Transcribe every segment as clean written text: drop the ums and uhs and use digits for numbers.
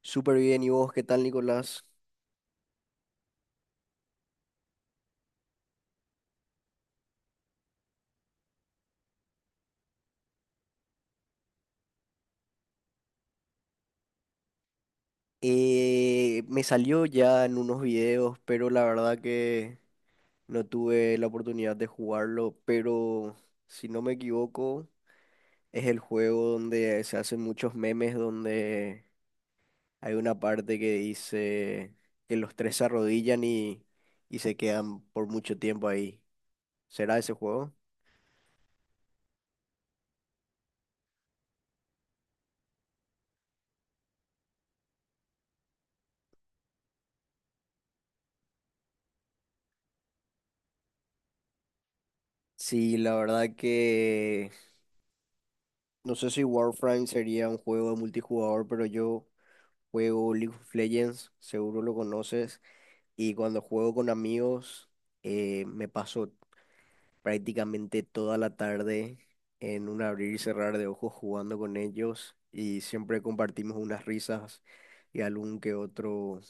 Súper bien, ¿y vos qué tal, Nicolás? Me salió ya en unos videos, pero la verdad que no tuve la oportunidad de jugarlo, pero si no me equivoco, es el juego donde se hacen muchos memes, donde hay una parte que dice que los tres se arrodillan y se quedan por mucho tiempo ahí. ¿Será ese juego? Sí, la verdad que no sé si Warframe sería un juego de multijugador, pero yo... Juego League of Legends, seguro lo conoces. Y cuando juego con amigos, me paso prácticamente toda la tarde en un abrir y cerrar de ojos jugando con ellos. Y siempre compartimos unas risas y algún que otro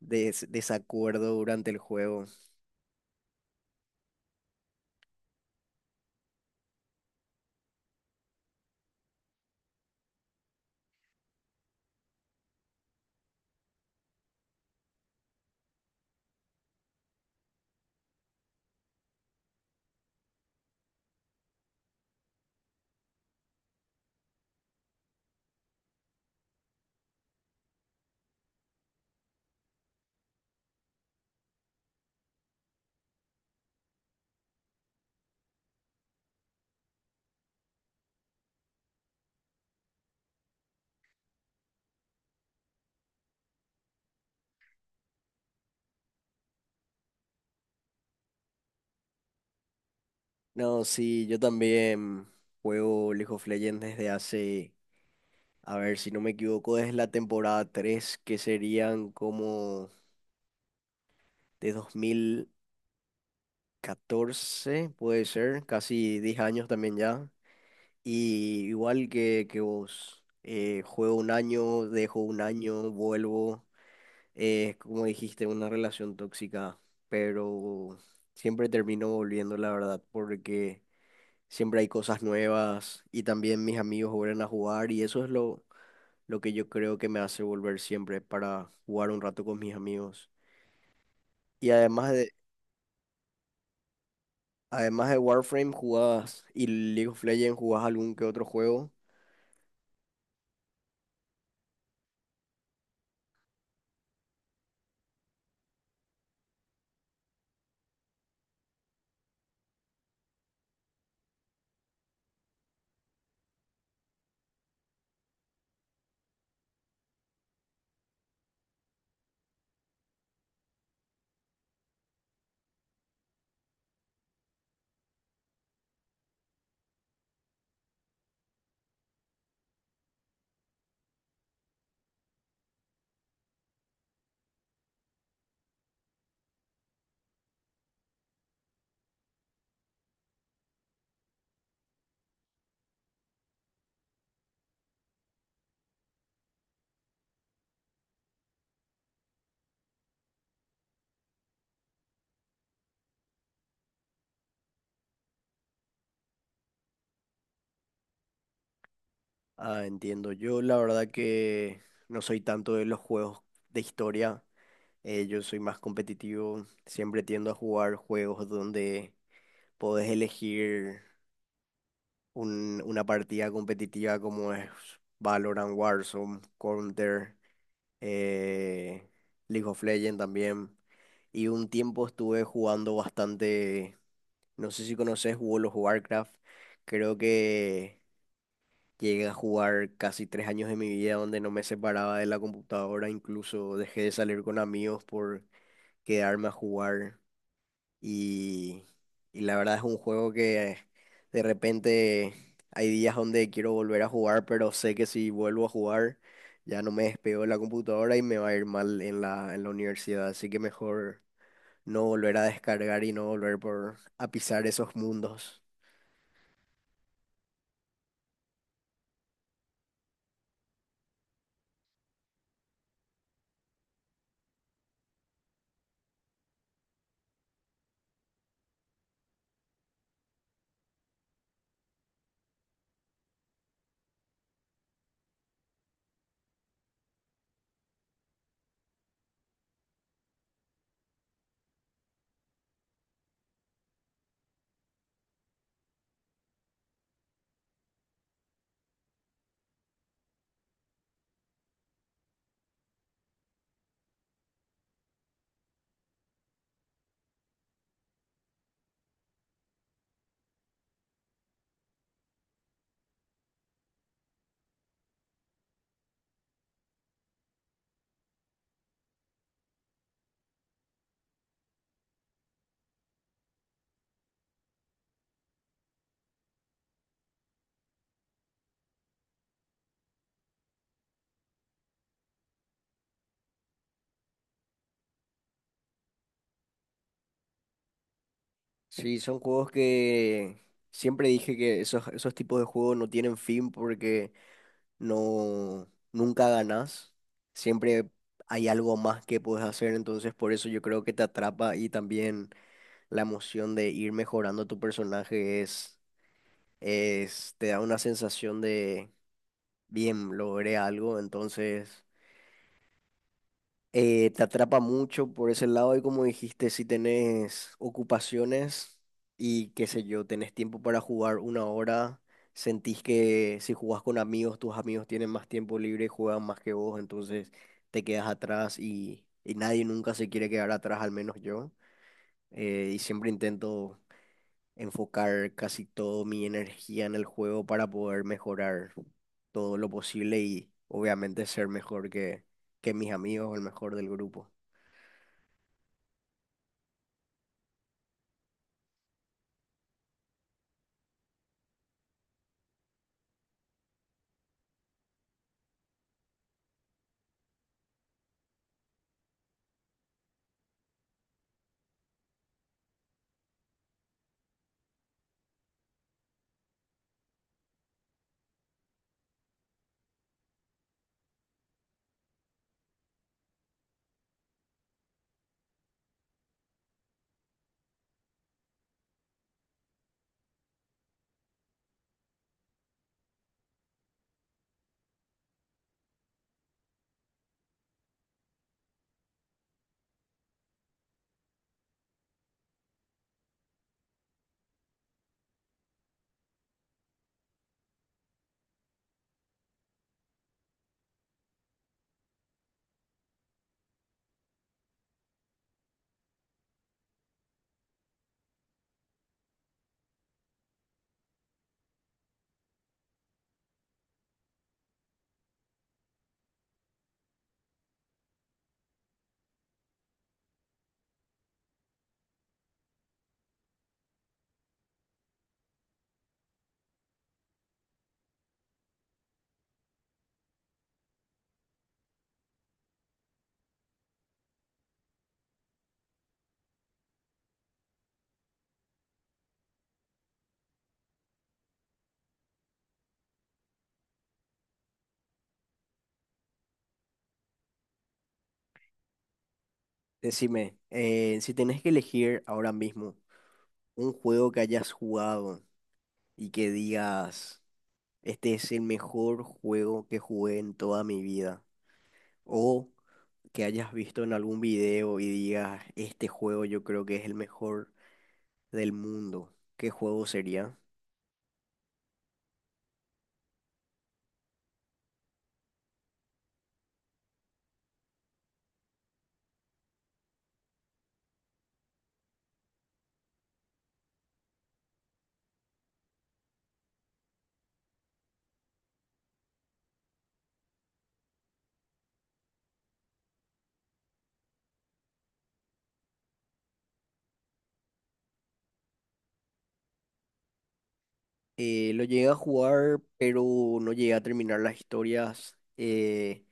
desacuerdo durante el juego. No, sí, yo también juego League of Legends desde hace, a ver si no me equivoco, desde la temporada 3, que serían como de dos mil catorce, puede ser, casi 10 años también ya. Y igual que vos, juego un año, dejo un año, vuelvo. Eh, como dijiste, una relación tóxica, pero siempre termino volviendo, la verdad, porque siempre hay cosas nuevas y también mis amigos vuelven a jugar y eso es lo que yo creo que me hace volver siempre para jugar un rato con mis amigos. Además Además de Warframe, jugabas y League of Legends, jugabas algún que otro juego. Ah, entiendo. Yo la verdad que no soy tanto de los juegos de historia. Yo soy más competitivo. Siempre tiendo a jugar juegos donde podés elegir una partida competitiva como es Valorant, Warzone, Counter. eh, League of Legends también. Y un tiempo estuve jugando bastante, no sé si conoces World of Warcraft, creo que llegué a jugar casi tres años de mi vida donde no me separaba de la computadora, incluso dejé de salir con amigos por quedarme a jugar. Y, y la verdad es un juego que de repente hay días donde quiero volver a jugar, pero sé que si vuelvo a jugar ya no me despego de la computadora y me va a ir mal en en la universidad. Así que mejor no volver a descargar y no volver por, a pisar esos mundos. Sí, son juegos que siempre dije que esos tipos de juegos no tienen fin porque no, nunca ganas, siempre hay algo más que puedes hacer, entonces por eso yo creo que te atrapa y también la emoción de ir mejorando tu personaje es, te da una sensación de, bien, logré algo, entonces te atrapa mucho por ese lado y, como dijiste, si tenés ocupaciones y qué sé yo, tenés tiempo para jugar una hora, sentís que si jugás con amigos, tus amigos tienen más tiempo libre y juegan más que vos, entonces te quedas atrás y nadie nunca se quiere quedar atrás, al menos yo. Y siempre intento enfocar casi toda mi energía en el juego para poder mejorar todo lo posible y obviamente ser mejor que mis amigos o el mejor del grupo. Decime, si tenés que elegir ahora mismo un juego que hayas jugado y que digas, este es el mejor juego que jugué en toda mi vida, o que hayas visto en algún video y digas, este juego yo creo que es el mejor del mundo, ¿qué juego sería? Lo llegué a jugar, pero no llegué a terminar las historias.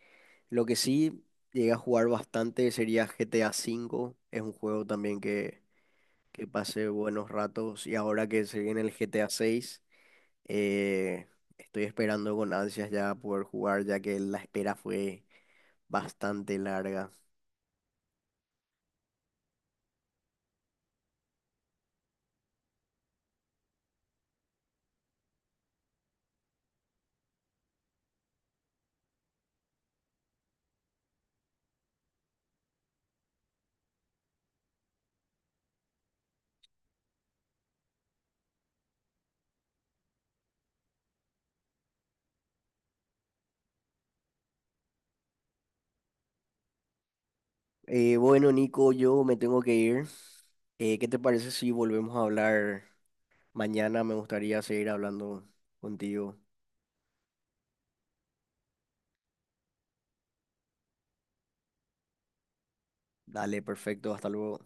Lo que sí llegué a jugar bastante sería GTA V, es un juego también que pase buenos ratos, y ahora que se viene el GTA 6, eh, estoy esperando con ansias ya poder jugar, ya que la espera fue bastante larga. Bueno, Nico, yo me tengo que ir. ¿Qué te parece si volvemos a hablar mañana? Me gustaría seguir hablando contigo. Dale, perfecto, hasta luego.